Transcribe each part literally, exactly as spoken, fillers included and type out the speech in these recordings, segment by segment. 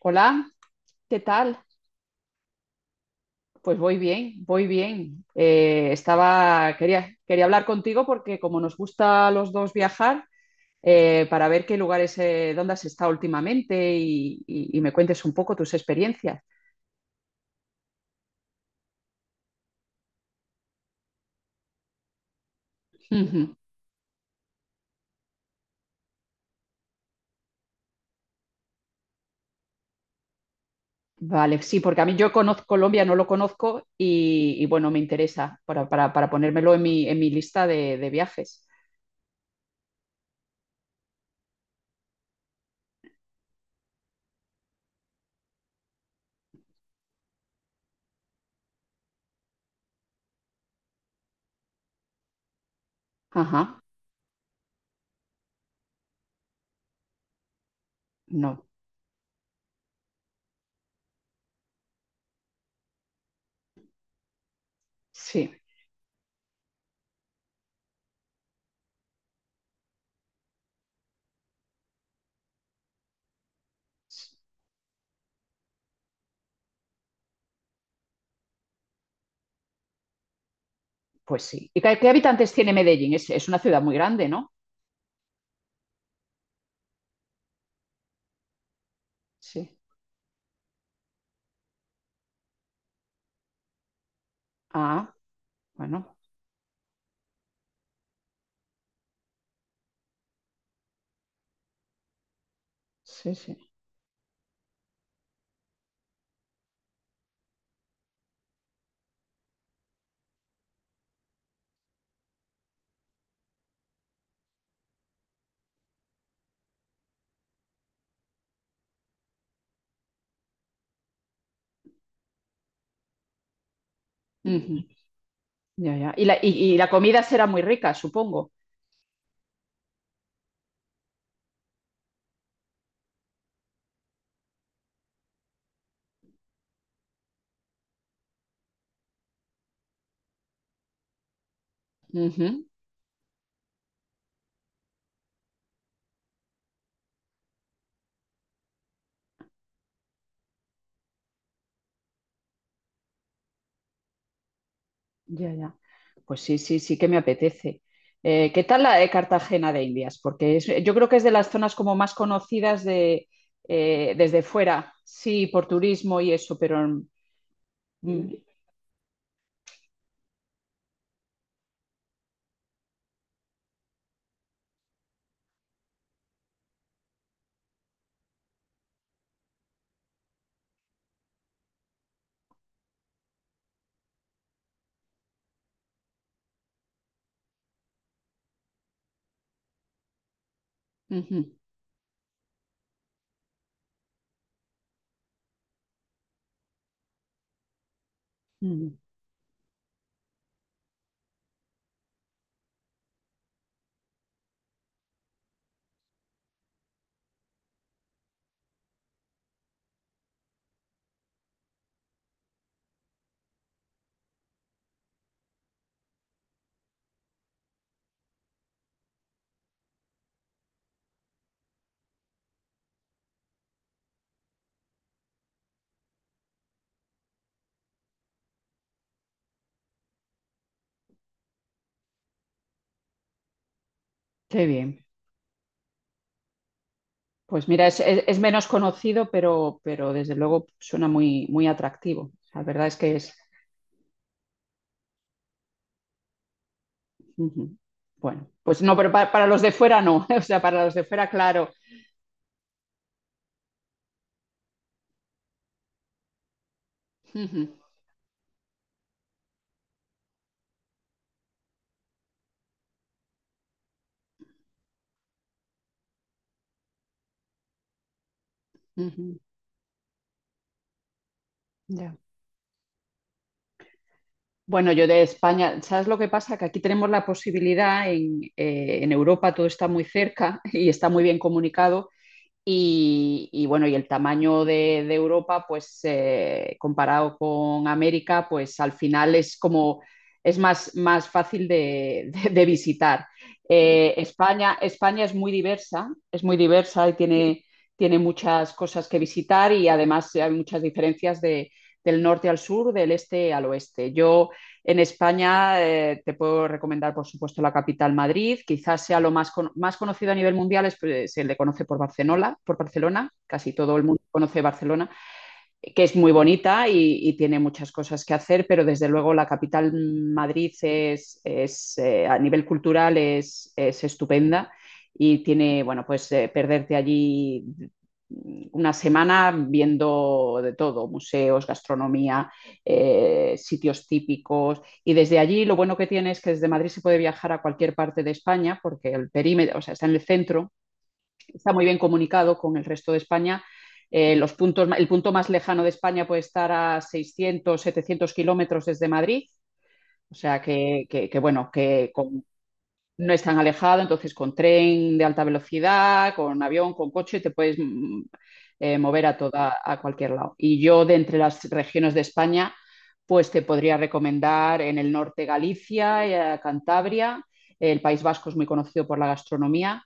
Hola, ¿qué tal? Pues voy bien, voy bien. Eh, estaba, quería, quería hablar contigo porque como nos gusta a los dos viajar, eh, para ver qué lugares, eh, dónde has estado últimamente y, y- y me cuentes un poco tus experiencias. Ujú. Vale, sí, porque a mí yo conozco Colombia, no lo conozco y, y bueno, me interesa para, para- para ponérmelo en mi, en mi lista de, de viajes. Ajá, no, sí, pues sí. ¿Y qué, qué habitantes tiene Medellín? Es, es una ciudad muy grande, ¿no? Sí. Ah, bueno, sí, sí. Ujú, ya, ya. Y la, y, y la comida será muy rica, supongo. Ujú, ya, ya. Pues sí, sí, sí que me apetece. Eh, ¿qué tal la de Cartagena de Indias? Porque es- yo creo que es de las zonas como más conocidas de, eh, desde fuera, sí, por turismo y eso, pero... Mm, ujú, ujú. Qué bien. Pues mira, es, es- es menos conocido, pero, pero desde luego suena muy, muy atractivo. La verdad es que es, ujú. Bueno, pues no, pero pa- para, los de fuera no, o sea, para los de fuera, claro. Ujú, ujú, ya. Bueno, yo de España, ¿sabes lo que pasa? Que aquí tenemos la posibilidad, en, eh, en Europa todo está muy cerca y está muy bien comunicado. Y, y bueno, y el tamaño de, de Europa, pues eh, comparado con América, pues al final es como es más, más fácil de, de- de visitar. Eh, España, España es muy diversa, es muy diversa y tiene, tiene muchas cosas que visitar y además hay muchas diferencias de- del norte al sur, del este al oeste. Yo en España eh, te puedo recomendar, por supuesto, la capital Madrid. Quizás sea lo más, con- más conocido a nivel mundial, es, pues, se le conoce por Barcelona, por Barcelona. Casi todo el mundo conoce Barcelona, que es muy bonita y, y, tiene muchas cosas que hacer, pero desde luego la capital Madrid es, es eh, a nivel cultural es, es, estupenda y tiene, bueno, pues eh, perderte allí una semana viendo de todo, museos, gastronomía, eh, sitios típicos. Y desde allí lo bueno que tiene es que desde Madrid se puede viajar a cualquier parte de España porque el perímetro, o sea, está en el centro, está muy bien comunicado con el resto de España. Eh, los puntos, el punto más lejano de España puede estar a seiscientos, setecientos kilómetros desde Madrid, o sea que, que, que bueno, que con no es tan alejado, entonces con tren de alta velocidad, con avión, con coche, te puedes mm, eh, mover a toda, a cualquier lado. Y yo de entre las regiones de España, pues te podría recomendar en el norte Galicia, eh, Cantabria, el País Vasco es muy conocido por la gastronomía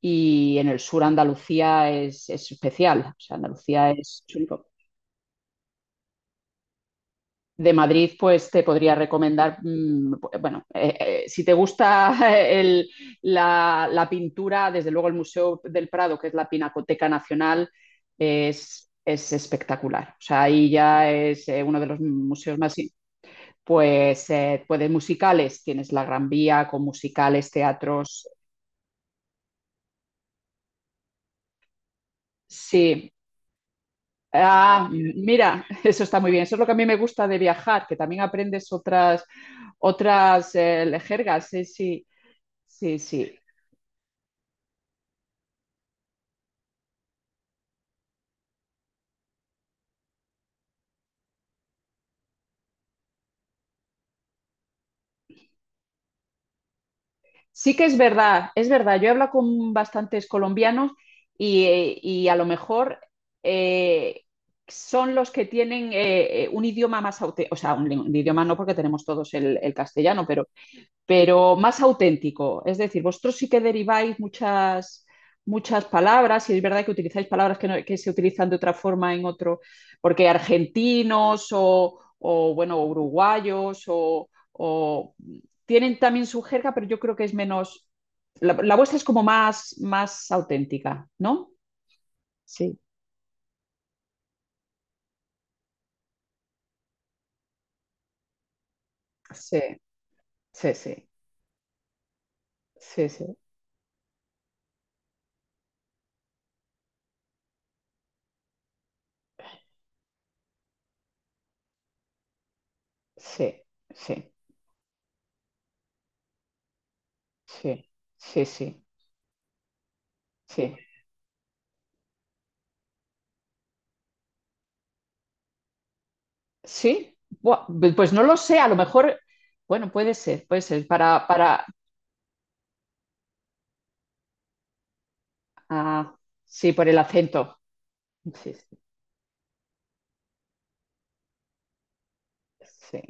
y en el sur Andalucía es, es especial, o sea, Andalucía es, de Madrid, pues te podría recomendar, mmm, bueno, eh, eh, si te gusta el, la, la, pintura, desde luego el Museo del Prado, que es la Pinacoteca Nacional, es, es espectacular. O sea, ahí ya es eh, uno de los museos más... Pues, eh, pues de musicales, tienes la Gran Vía con musicales, teatros. Sí, ah, mira, eso está muy bien. Eso es lo que a mí me gusta de viajar, que también aprendes otras, otras eh, jergas. Sí, sí. Sí, sí. Sí que es verdad, es verdad. Yo he hablado con bastantes colombianos y, eh, y a lo mejor eh, son los que tienen eh, eh, un idioma más auténtico, o sea, un, un idioma no porque tenemos todos el, el castellano, pero pero más auténtico. Es decir, vosotros sí que deriváis muchas, muchas palabras y es verdad que utilizáis palabras que, no- que se utilizan de otra forma en otro, porque argentinos o, o, bueno, uruguayos o, o- tienen también su jerga, pero yo creo que es menos, la, la vuestra es como más, más auténtica, ¿no? Sí. Sí, sí, sí, sí, sí, sí, sí, sí, sí, sí, sí. Sí, buah, pues pues no lo sé, a lo mejor, bueno, puede ser, puede ser, para, para, ah, sí, por el acento. Sí, sí, sí,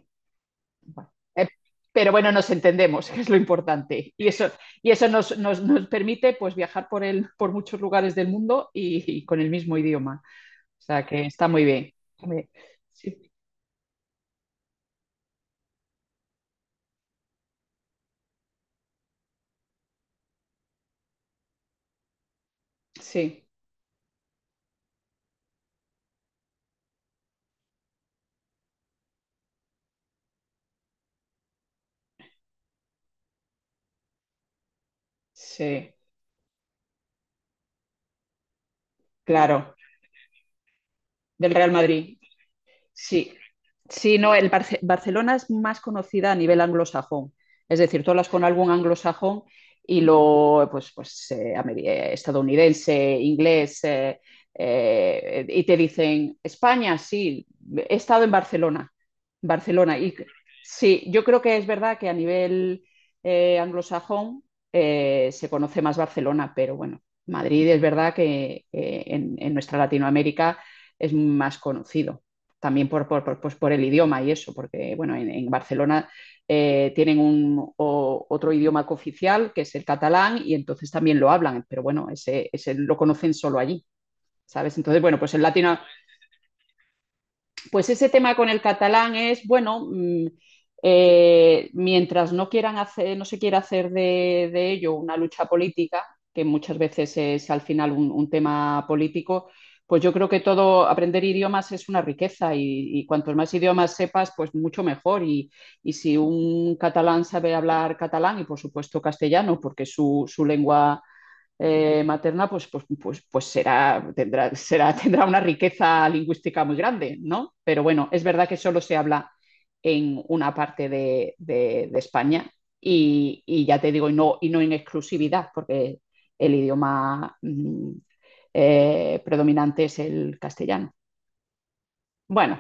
bueno. Eh, pero bueno, nos entendemos, que es lo importante. Y eso, y eso nos, nos- nos permite pues viajar por el, por muchos lugares del mundo y, y con el mismo idioma. O sea que está muy bien. Muy bien. Sí, sí, sí, claro, del Real Madrid. Sí, sí, no, el Barce- Barcelona es más conocida a nivel anglosajón, es decir, todas las con algún anglosajón y lo, pues, pues eh, ameri- eh, estadounidense, inglés, eh, eh, y te dicen, España, sí, he estado en Barcelona, Barcelona, y sí, yo creo que es verdad que a nivel eh, anglosajón eh, se conoce más Barcelona, pero bueno, Madrid es verdad que eh, en en nuestra Latinoamérica es más conocido también por, por, por, pues por, el idioma y eso, porque bueno, en, en Barcelona eh, tienen un, o, otro idioma cooficial que es el catalán y entonces también lo hablan, pero bueno, ese, ese lo conocen solo allí, ¿sabes? Entonces, bueno, pues en Latino, pues ese tema con el catalán es, bueno, mm, eh, mientras no, quieran hacer, no se quiera hacer de, de, ello una lucha política, que muchas veces es al final un, un, tema político, pues yo creo que todo aprender idiomas es una riqueza y, y cuantos más idiomas sepas, pues mucho mejor. Y, y, si un catalán sabe hablar catalán y por supuesto castellano, porque es su, su lengua eh, materna, pues, pues, pues, pues será, tendrá, será, tendrá una riqueza lingüística muy grande, ¿no? Pero bueno, es verdad que solo se habla en una parte de, de, de España y, y, ya te digo, y no, y no en exclusividad, porque el idioma mm, eh, predominante es el castellano. Bueno,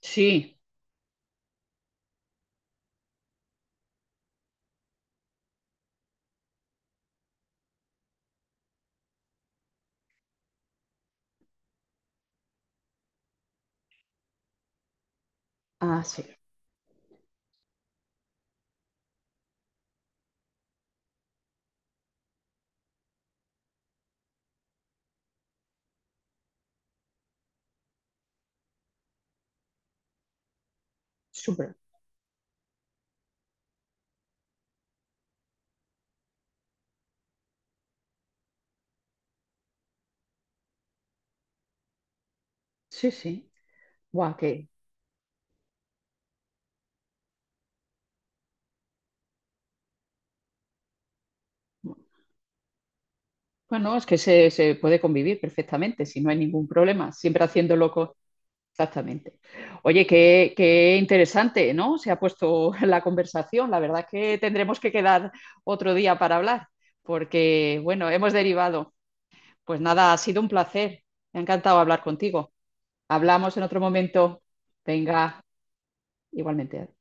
sí, ah, sí, súper, sí, sí, guau, que... Bueno, es que se, se, puede convivir perfectamente, si no hay ningún problema, siempre haciéndolo con, exactamente. Oye, qué, qué, interesante, ¿no? Se ha puesto la conversación. La verdad es que tendremos que quedar otro día para hablar, porque, bueno, hemos derivado. Pues nada, ha sido un placer. Me ha encantado hablar contigo. Hablamos en otro momento. Venga, igualmente.